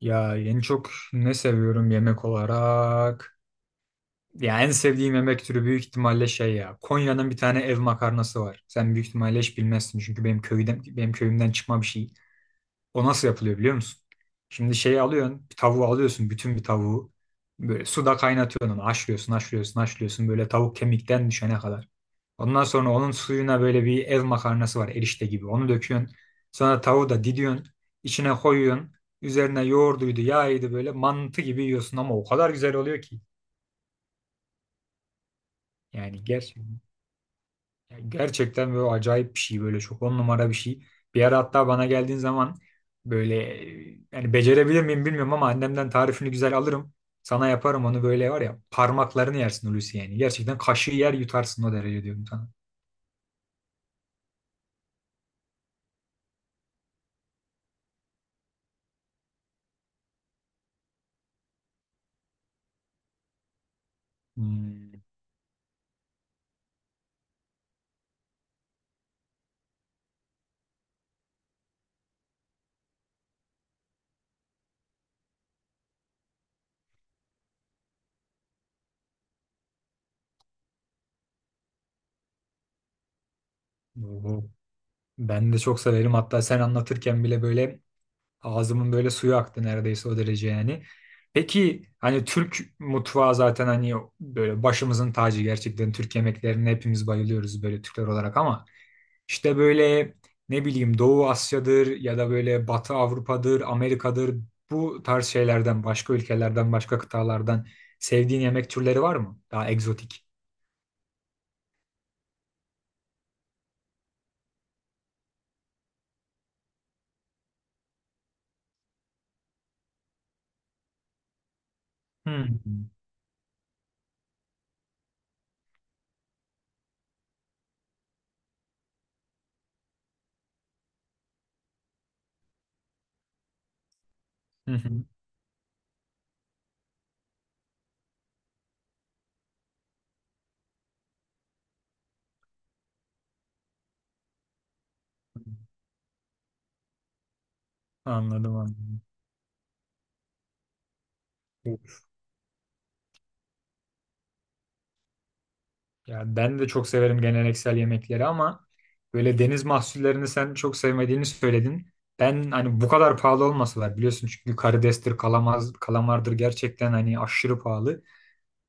Ya en çok ne seviyorum yemek olarak? Ya en sevdiğim yemek türü büyük ihtimalle şey ya. Konya'nın bir tane ev makarnası var. Sen büyük ihtimalle hiç bilmezsin çünkü benim köyümden çıkma bir şey. O nasıl yapılıyor biliyor musun? Şimdi şeyi alıyorsun, bir tavuğu alıyorsun, bütün bir tavuğu. Böyle suda kaynatıyorsun onu, haşlıyorsun böyle tavuk kemikten düşene kadar. Ondan sonra onun suyuna böyle bir ev makarnası var erişte gibi. Onu döküyorsun. Sonra tavuğu da didiyorsun. İçine koyuyorsun. Üzerine yoğurduydu, yağıydı böyle mantı gibi yiyorsun ama o kadar güzel oluyor ki. Yani gerçekten, yani gerçekten böyle acayip bir şey, böyle çok on numara bir şey. Bir ara hatta bana geldiğin zaman böyle yani becerebilir miyim bilmiyorum ama annemden tarifini güzel alırım. Sana yaparım onu, böyle var ya parmaklarını yersin Hulusi yani. Gerçekten kaşığı yer yutarsın o derece diyorum sana. Hmm. Oo. Ben de çok severim. Hatta sen anlatırken bile böyle ağzımın böyle suyu aktı neredeyse, o derece yani. Peki hani Türk mutfağı zaten, hani böyle başımızın tacı, gerçekten Türk yemeklerine hepimiz bayılıyoruz böyle Türkler olarak ama işte böyle ne bileyim Doğu Asya'dır ya da böyle Batı Avrupa'dır, Amerika'dır, bu tarz şeylerden, başka ülkelerden, başka kıtalardan sevdiğin yemek türleri var mı? Daha egzotik. Hmm. Hı hı. Anladım, anladım. Ya ben de çok severim geleneksel yemekleri ama böyle deniz mahsullerini sen çok sevmediğini söyledin. Ben hani bu kadar pahalı olması var, biliyorsun çünkü karidestir, kalamaz, kalamardır, gerçekten hani aşırı pahalı.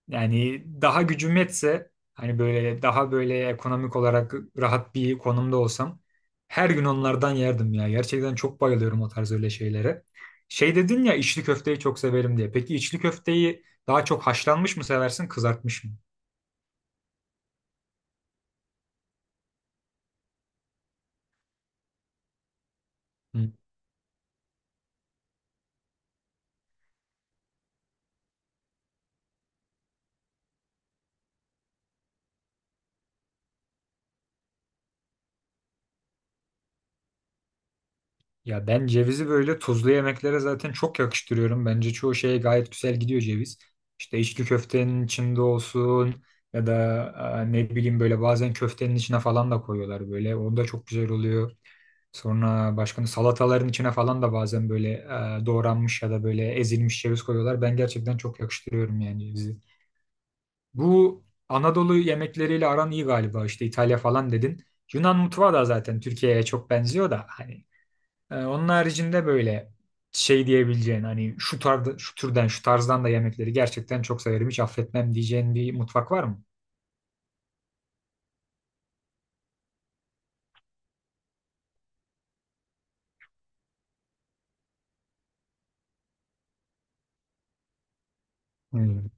Yani daha gücüm yetse, hani böyle daha böyle ekonomik olarak rahat bir konumda olsam her gün onlardan yerdim ya. Gerçekten çok bayılıyorum o tarz öyle şeylere. Şey dedin ya, içli köfteyi çok severim diye. Peki içli köfteyi daha çok haşlanmış mı seversin, kızartmış mı? Hı. Ya ben cevizi böyle tuzlu yemeklere zaten çok yakıştırıyorum. Bence çoğu şeye gayet güzel gidiyor ceviz. İşte içli köftenin içinde olsun ya da ne bileyim böyle bazen köftenin içine falan da koyuyorlar böyle. O da çok güzel oluyor. Sonra başka salataların içine falan da bazen böyle doğranmış ya da böyle ezilmiş ceviz koyuyorlar. Ben gerçekten çok yakıştırıyorum yani cevizi. Bu Anadolu yemekleriyle aran iyi galiba, işte İtalya falan dedin. Yunan mutfağı da zaten Türkiye'ye çok benziyor da, hani onun haricinde böyle şey diyebileceğin, hani şu tarz, şu türden, şu tarzdan da yemekleri gerçekten çok severim, hiç affetmem diyeceğin bir mutfak var mı? Hmm.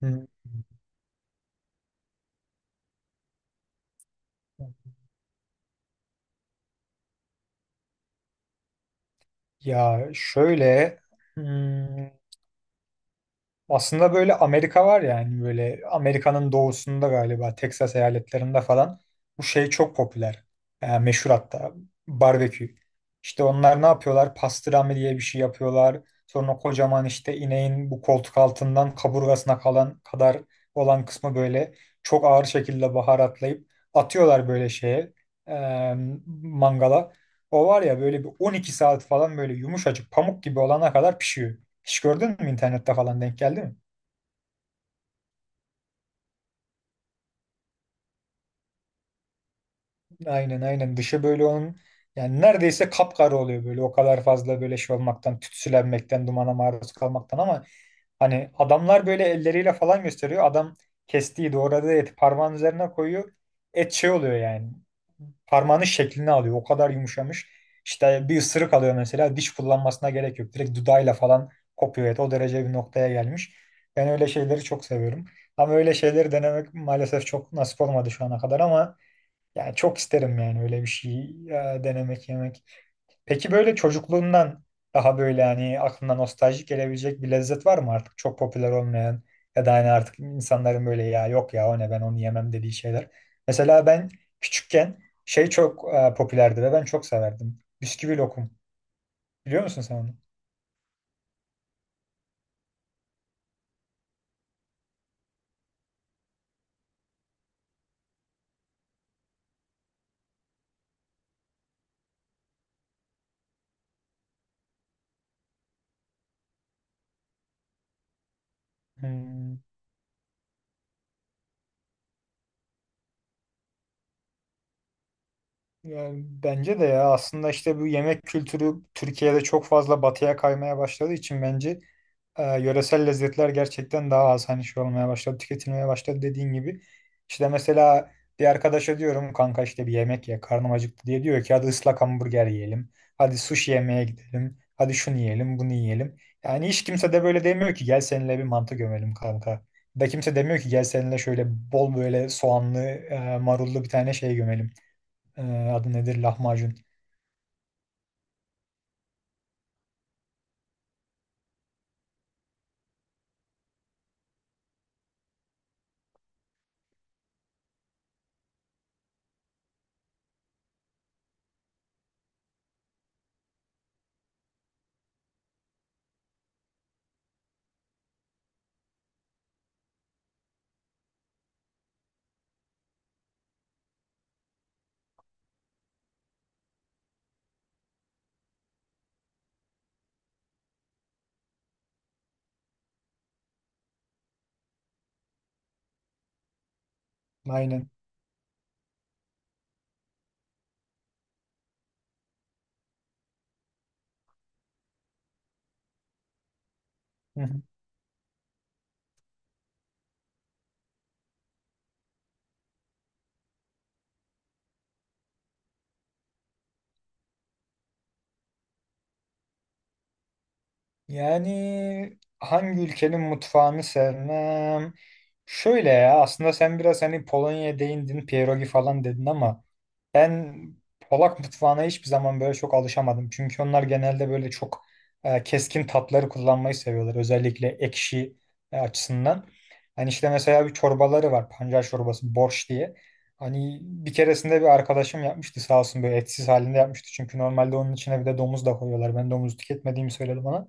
Hmm. Ya şöyle, hmm, aslında böyle Amerika var, yani böyle Amerika'nın doğusunda galiba Texas eyaletlerinde falan bu şey çok popüler. Yani meşhur hatta, barbekü. İşte onlar ne yapıyorlar? Pastrami diye bir şey yapıyorlar. Sonra kocaman işte ineğin bu koltuk altından kaburgasına kalan kadar olan kısmı böyle çok ağır şekilde baharatlayıp atıyorlar böyle şeye, eee, mangala. O var ya, böyle bir 12 saat falan böyle yumuşacık pamuk gibi olana kadar pişiyor. Hiç gördün mü internette falan, denk geldi mi? Aynen, aynen, dışı böyle onun, yani neredeyse kapkara oluyor böyle, o kadar fazla böyle şey olmaktan, tütsülenmekten, dumana maruz kalmaktan, ama hani adamlar böyle elleriyle falan gösteriyor, adam kestiği doğradığı eti parmağın üzerine koyuyor, et şey oluyor yani, parmağının şeklini alıyor, o kadar yumuşamış. İşte bir ısırık alıyor mesela, diş kullanmasına gerek yok, direkt dudağıyla falan kopuyor et, o derece bir noktaya gelmiş. Ben öyle şeyleri çok seviyorum ama öyle şeyleri denemek maalesef çok nasip olmadı şu ana kadar, ama yani çok isterim yani öyle bir şey denemek, yemek. Peki böyle çocukluğundan daha böyle, hani aklına nostaljik gelebilecek bir lezzet var mı artık çok popüler olmayan, ya da hani artık insanların böyle ya yok ya o ne, ben onu yemem dediği şeyler. Mesela ben küçükken şey çok popülerdi ve ben çok severdim. Bisküvi lokum. Biliyor musun sen onu? Hmm. Yani bence de, ya aslında işte bu yemek kültürü Türkiye'de çok fazla batıya kaymaya başladığı için bence yöresel lezzetler gerçekten daha az hani şey olmaya başladı, tüketilmeye başladı dediğin gibi. İşte mesela bir arkadaşa diyorum kanka işte bir yemek ye, karnım acıktı diye, diyor ki hadi ıslak hamburger yiyelim, hadi sushi yemeye gidelim, hadi şunu yiyelim, bunu yiyelim. Yani hiç kimse de böyle demiyor ki gel seninle bir mantı gömelim kanka. Da kimse demiyor ki gel seninle şöyle bol böyle soğanlı, marullu bir tane şey gömelim. Ee, adı nedir? Lahmacun. Aynen. Hı hı. Yani hangi ülkenin mutfağını sevmem? Şöyle, ya aslında sen biraz hani Polonya'ya değindin, pierogi falan dedin ama ben Polak mutfağına hiçbir zaman böyle çok alışamadım. Çünkü onlar genelde böyle çok keskin tatları kullanmayı seviyorlar. Özellikle ekşi açısından. Hani işte mesela bir çorbaları var. Pancar çorbası, borş diye. Hani bir keresinde bir arkadaşım yapmıştı sağ olsun, böyle etsiz halinde yapmıştı. Çünkü normalde onun içine bir de domuz da koyuyorlar. Ben domuz tüketmediğimi söyledim ona.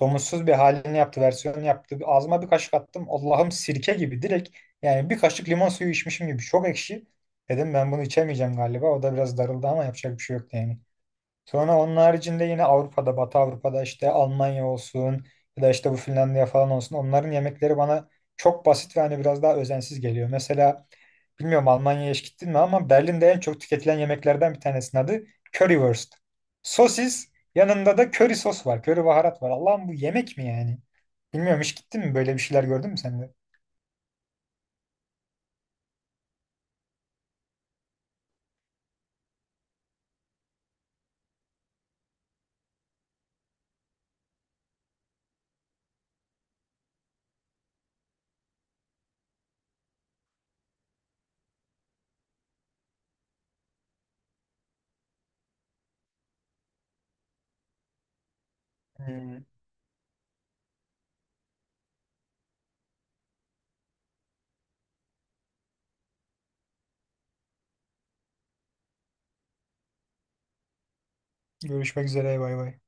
Domatsız bir halini yaptı, versiyonunu yaptı. Ağzıma bir kaşık attım. Allah'ım, sirke gibi direkt, yani bir kaşık limon suyu içmişim gibi. Çok ekşi. Dedim ben bunu içemeyeceğim galiba. O da biraz darıldı ama yapacak bir şey yok yani. Sonra onun haricinde yine Avrupa'da, Batı Avrupa'da işte Almanya olsun ya da işte bu Finlandiya falan olsun, onların yemekleri bana çok basit ve hani biraz daha özensiz geliyor. Mesela bilmiyorum Almanya'ya hiç gittin mi, ama Berlin'de en çok tüketilen yemeklerden bir tanesinin adı Currywurst. Sosis yanında da köri sos var, köri baharat var. Allah'ım, bu yemek mi yani? Bilmiyorum, hiç gittin mi, böyle bir şeyler gördün mü sen de? Hmm. Görüşmek üzere, bay bay.